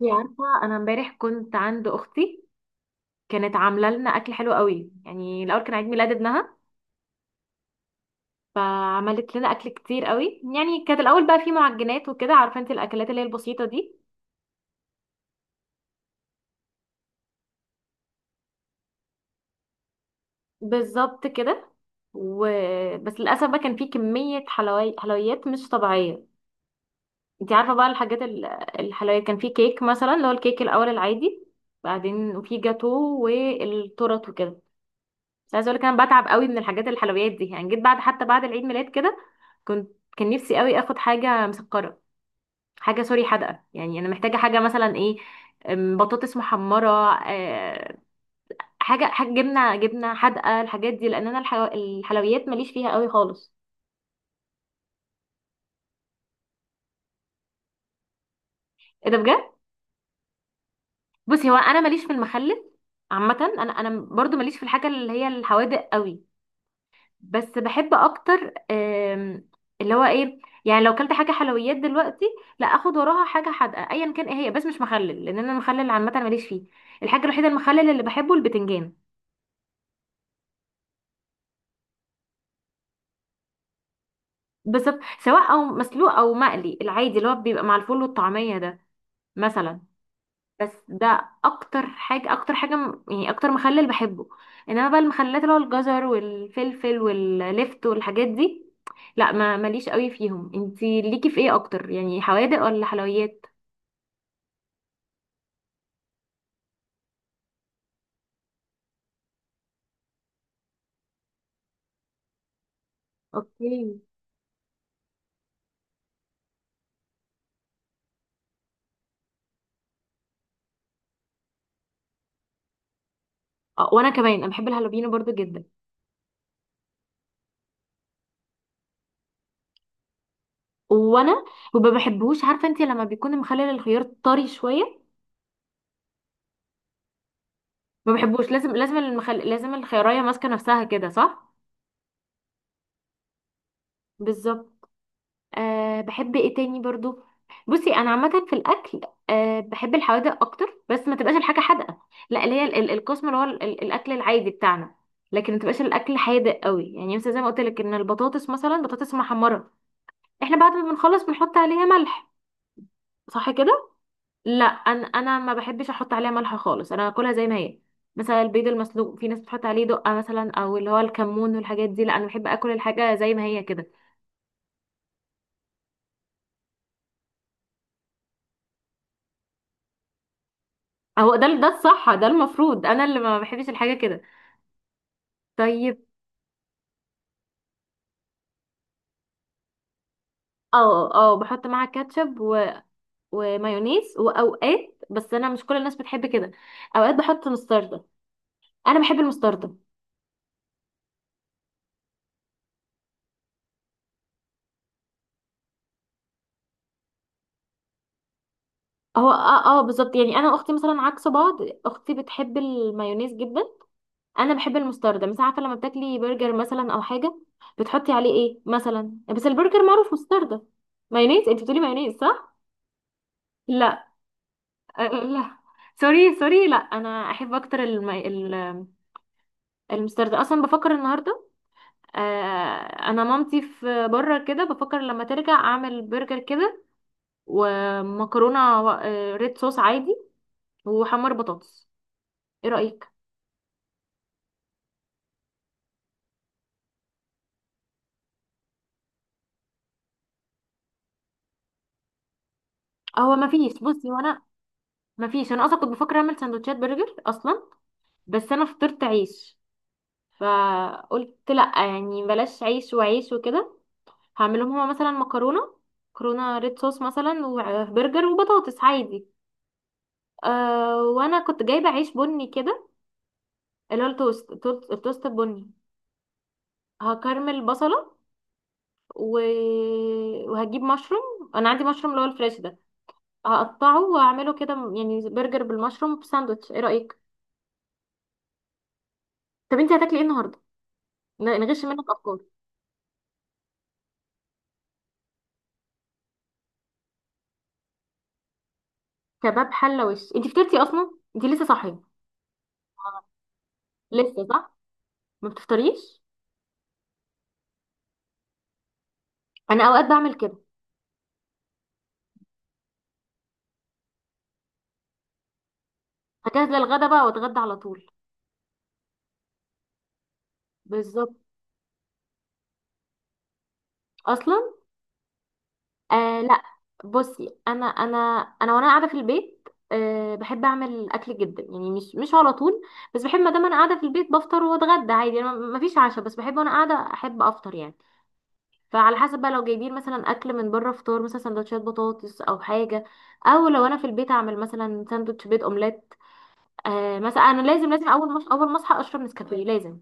يا عارفة أنا امبارح كنت عند أختي. كانت عاملة لنا أكل حلو قوي، يعني الأول كان عيد ميلاد ابنها، فعملت لنا أكل كتير قوي. يعني كانت الأول بقى فيه معجنات وكده، عارفة انت الأكلات اللي هي البسيطة دي. بالظبط كده و... بس للأسف بقى كان فيه كمية حلويات مش طبيعية. انت عارفة بقى الحاجات الحلويات، كان فيه كيك مثلا اللي هو الكيك الأول العادي، بعدين وفيه جاتو والتورت وكده. بس عايزة أقولك أنا بتعب قوي من الحاجات الحلويات دي، يعني جيت بعد حتى بعد العيد ميلاد كده، كنت كان نفسي قوي اخد حاجه مسكره، حاجه سوري حادقه، يعني انا محتاجه حاجه مثلا ايه، بطاطس محمره، آه، حاجه حاجه جبنه جبنه حادقه، الحاجات دي، لان انا الحلويات ماليش فيها قوي خالص. ايه ده بجد؟ بصي هو انا ماليش في المخلل، عامه انا برضو ماليش في الحاجه اللي هي الحوادق قوي، بس بحب اكتر. اللي هو ايه، يعني لو كلت حاجه حلويات دلوقتي، لا اخد وراها حاجه حادقه ايا كان ايه هي، بس مش مخلل، لان انا المخلل عامه ماليش فيه. الحاجه الوحيده المخلل اللي بحبه البتنجان. بالظبط، سواء او مسلوق او مقلي العادي اللي هو بيبقى مع الفول والطعميه ده مثلا. بس ده اكتر حاجه، اكتر حاجه يعني اكتر مخلل بحبه. انما بقى المخللات اللي هو الجزر والفلفل واللفت والحاجات دي، لا، ما ماليش قوي فيهم. انتي ليكي في ايه اكتر، يعني حوادق ولا حلويات؟ اوكي. اه وانا كمان، انا بحب الهالوبينو برضو جدا. وانا وما بحبهوش، عارفه انت لما بيكون مخلل الخيار طري شويه، ما بحبوش. لازم لازم لازم الخيارية ماسكه نفسها كده، صح؟ بالظبط. أه بحب ايه تاني برضو؟ بصي انا عامه في الاكل، أه بحب الحوادق اكتر، بس ما تبقاش الحاجه حادقه، لا اللي هي القسم اللي هو الاكل العادي بتاعنا، لكن ما تبقاش الاكل حادق قوي. يعني مثلا زي ما قلت لك ان البطاطس، مثلا بطاطس محمره، احنا بعد ما بنخلص بنحط عليها ملح، صح كده؟ لا انا ما بحبش احط عليها ملح خالص، انا باكلها زي ما هي. مثلا البيض المسلوق في ناس بتحط عليه دقه مثلا، او اللي هو الكمون والحاجات دي، لا انا بحب اكل الحاجه زي ما هي كده. اهو ده الصح، ده المفروض، انا اللي ما بحبش الحاجه كده. طيب. اه اه بحط معاها كاتشب و... ومايونيز واوقات، بس انا مش كل الناس بتحب كده. اوقات بحط مستردة، انا بحب المستردة. هو اه اه بالظبط، يعني انا واختي مثلا عكس بعض، اختي بتحب المايونيز جدا، انا بحب المستردة. مش عارفه لما بتاكلي برجر مثلا او حاجه، بتحطي عليه ايه مثلا؟ بس البرجر معروف مستردة مايونيز. انت بتقولي مايونيز صح؟ لا. أه، أه، لا، سوري سوري، لا انا احب اكتر المستردة. اصلا بفكر النهارده، انا مامتي في بره كده، بفكر لما ترجع اعمل برجر كده ومكرونه ريد صوص عادي وحمر بطاطس. ايه رايك؟ هو ما فيش، بصي، وانا ما فيش انا اصلا كنت بفكر اعمل سندوتشات برجر اصلا، بس انا فطرت عيش، فقلت لا يعني بلاش عيش وعيش وكده. هعملهم هما مثلا مكرونه، مكرونه ريد صوص مثلا، وبرجر وبطاطس عادي. أه وانا كنت جايبه عيش بني كده، اللي هو التوست البني. هكرمل بصله و... وهجيب مشروم، انا عندي مشروم اللي هو الفريش ده، هقطعه واعمله كده، يعني برجر بالمشروم في ساندوتش. ايه رايك؟ طب انت هتاكلي ايه النهارده؟ نغش منك افكار. كباب حله وش، انت فطرتي اصلا؟ انت لسه صاحيه؟ لسه، صح؟ ما بتفطريش. انا اوقات بعمل كده، هجهز للغدا بقى واتغدى على طول. بالظبط. اصلا آه لا، بصي انا وانا قاعده في البيت، آه بحب اعمل اكل جدا، يعني مش مش على طول، بس بحب ما دام انا قاعده في البيت بفطر واتغدى عادي، انا ما فيش عشاء، بس بحب وانا قاعده احب افطر يعني. فعلى حسب بقى، لو جايبين مثلا اكل من بره، فطار مثلا سندوتشات بطاطس او حاجه، او لو انا في البيت اعمل مثلا ساندوتش بيض اومليت. آه مثلا انا لازم لازم اول ما اصحى اشرب نسكافيه لازم.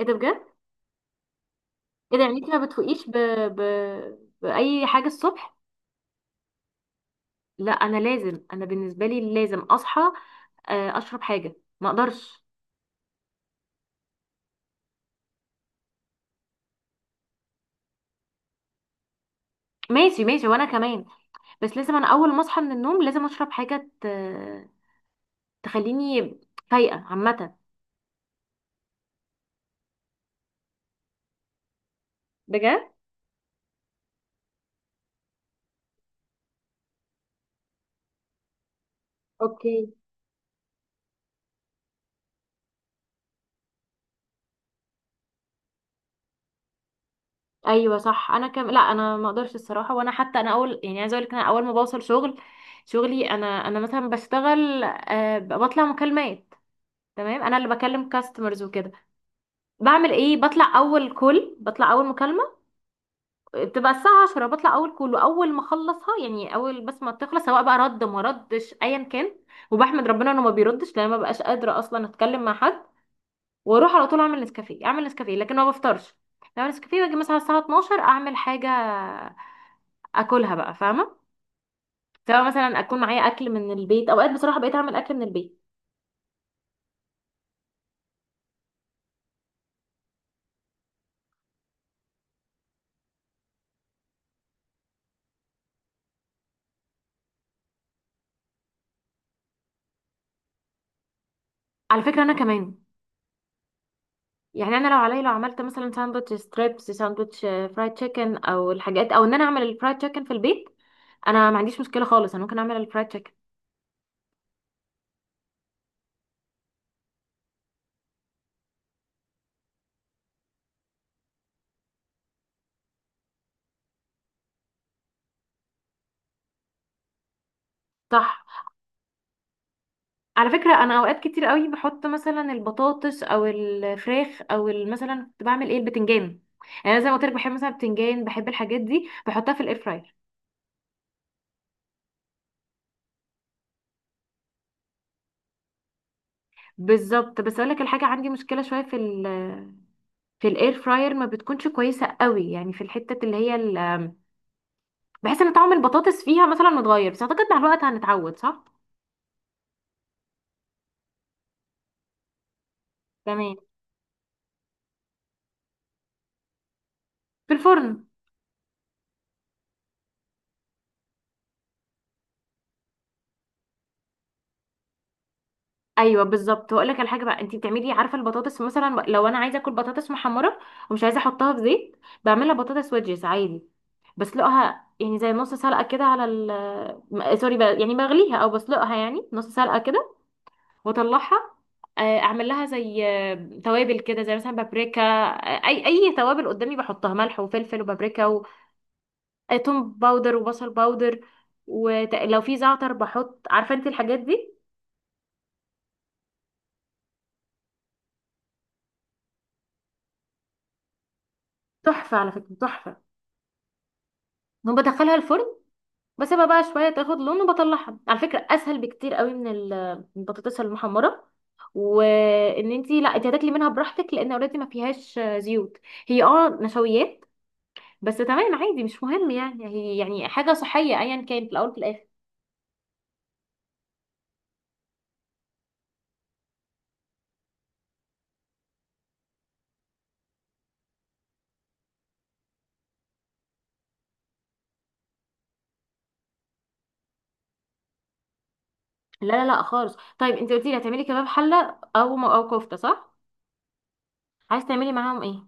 ايه ده بجد؟ ايه ده، يعني انت ما بتفوقيش ب... بأي حاجة الصبح؟ لا انا لازم، انا بالنسبة لي لازم اصحى، اشرب حاجة، ما اقدرش. ماشي ماشي وانا كمان، بس لازم انا اول ما اصحى من النوم لازم اشرب حاجة تخليني فايقة عامة. بجد؟ اوكي. ايوه صح. انا كم، لا انا ما اقدرش الصراحه، وانا حتى انا اول، يعني عايزه اقول لك انا اول ما بوصل شغل، شغلي انا مثلا بشتغل أه بطلع مكالمات، تمام؟ انا اللي بكلم كاستمرز وكده. بعمل ايه، بطلع اول كل بطلع اول مكالمه بتبقى الساعه 10، بطلع اول كل واول ما اخلصها، يعني اول بس ما تخلص سواء بقى رد ما ردش ايا كان، وبحمد ربنا انه ما بيردش لان ما بقاش قادره اصلا اتكلم مع حد، واروح على طول اعمل نسكافيه. لكن ما بفطرش. اعمل نسكافيه واجي مثلا الساعه 12 اعمل حاجه اكلها بقى، فاهمه؟ سواء مثلا اكون معايا اكل من البيت، اوقات بصراحه بقيت اعمل اكل من البيت. على فكره انا كمان، يعني انا لو عليا، لو عملت مثلا ساندوتش ستريبس، ساندوتش فرايد تشيكن او الحاجات، او ان انا اعمل الفرايد تشيكن في البيت، انا ما عنديش مشكله خالص، انا ممكن اعمل الفرايد تشيكن. صح. على فكره انا اوقات كتير قوي بحط مثلا البطاطس او الفراخ او مثلا كنت بعمل ايه البتنجان، يعني أنا زي ما قلت لك بحب مثلا البتنجان، بحب الحاجات دي بحطها في الاير فراير. بالظبط. بس اقول لك الحاجه، عندي مشكله شويه في ال، في الاير فراير ما بتكونش كويسه قوي، يعني في الحته اللي هي بحس ان طعم البطاطس فيها مثلا متغير، بس اعتقد مع الوقت هنتعود، صح؟ تمام، في الفرن. ايوه بالظبط. واقول لك على حاجه بقى، انت بتعملي عارفه البطاطس، مثلا لو انا عايزه اكل بطاطس محمره ومش عايزه احطها في زيت، بعملها بطاطس ويدجز عادي، بسلقها يعني زي نص سلقه كده على ال، سوري بقى يعني، بغليها او بسلقها يعني نص سلقه كده، واطلعها، اعمل لها زي توابل كده، زي مثلا بابريكا، اي توابل قدامي بحطها، ملح وفلفل وبابريكا وتوم باودر وبصل باودر، ولو في زعتر بحط، عارفه انت الحاجات دي. تحفه على فكره، تحفه. وبدخلها الفرن، بسيبها بقى شويه تاخد لون وبطلعها. على فكره اسهل بكتير قوي من من البطاطس المحمره. وان انتي، لا انتي هتاكلي منها براحتك لان اوريدي ما فيهاش زيوت، هي اه نشويات بس، تمام عادي مش مهم يعني، هي يعني حاجه صحيه ايا كان في الاول في الاخر. لا لا لا خالص. طيب انتي قلتي لي هتعملي كباب حله او او كفته، صح؟ عايز تعملي معاهم ايه؟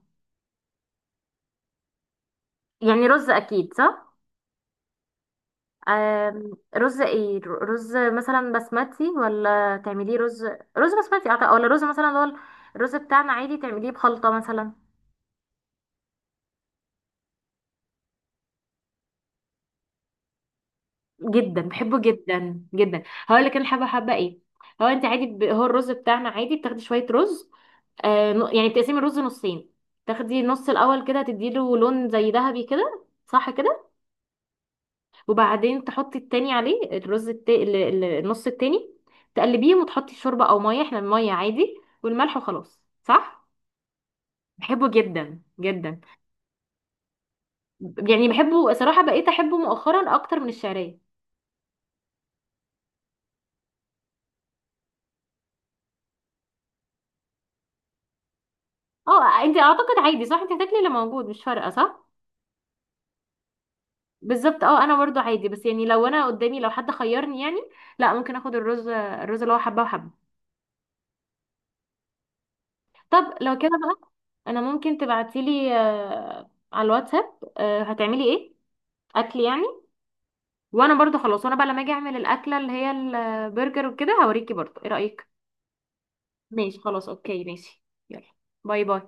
يعني رز اكيد صح؟ رز ايه، رز مثلا بسمتي ولا تعمليه رز؟ رز بسمتي أعتقد، ولا رز مثلا اللي هو الرز بتاعنا عادي تعمليه بخلطة مثلا؟ جدا بحبه جدا جدا. هقول لك انا حابه، حابه ايه، هو انت عادي ب... هو الرز بتاعنا عادي، بتاخدي شويه رز، يعني بتقسمي الرز نصين، تاخدي نص الاول كده تديله لون زي ذهبي كده، صح كده؟ وبعدين تحطي التاني عليه الرز النص التاني، تقلبيهم وتحطي شوربة او مية، احنا المية عادي، والملح وخلاص، صح؟ بحبه جدا جدا. يعني بحبه صراحة، بقيت احبه مؤخرا اكتر من الشعرية. اه انت اعتقد عادي، صح؟ انت هتاكلي اللي موجود مش فارقة، صح؟ بالظبط. اه انا برضو عادي، بس يعني لو انا قدامي، لو حد خيرني يعني، لا ممكن اخد الرز اللي هو حبة وحبة. طب لو كده بقى، انا ممكن تبعتيلي على الواتساب هتعملي ايه اكل يعني، وانا برضو خلاص، وانا بقى لما اجي اعمل الاكله اللي هي البرجر وكده هوريكي برضو. ايه رايك؟ ماشي خلاص اوكي ماشي. يلا. باي باي.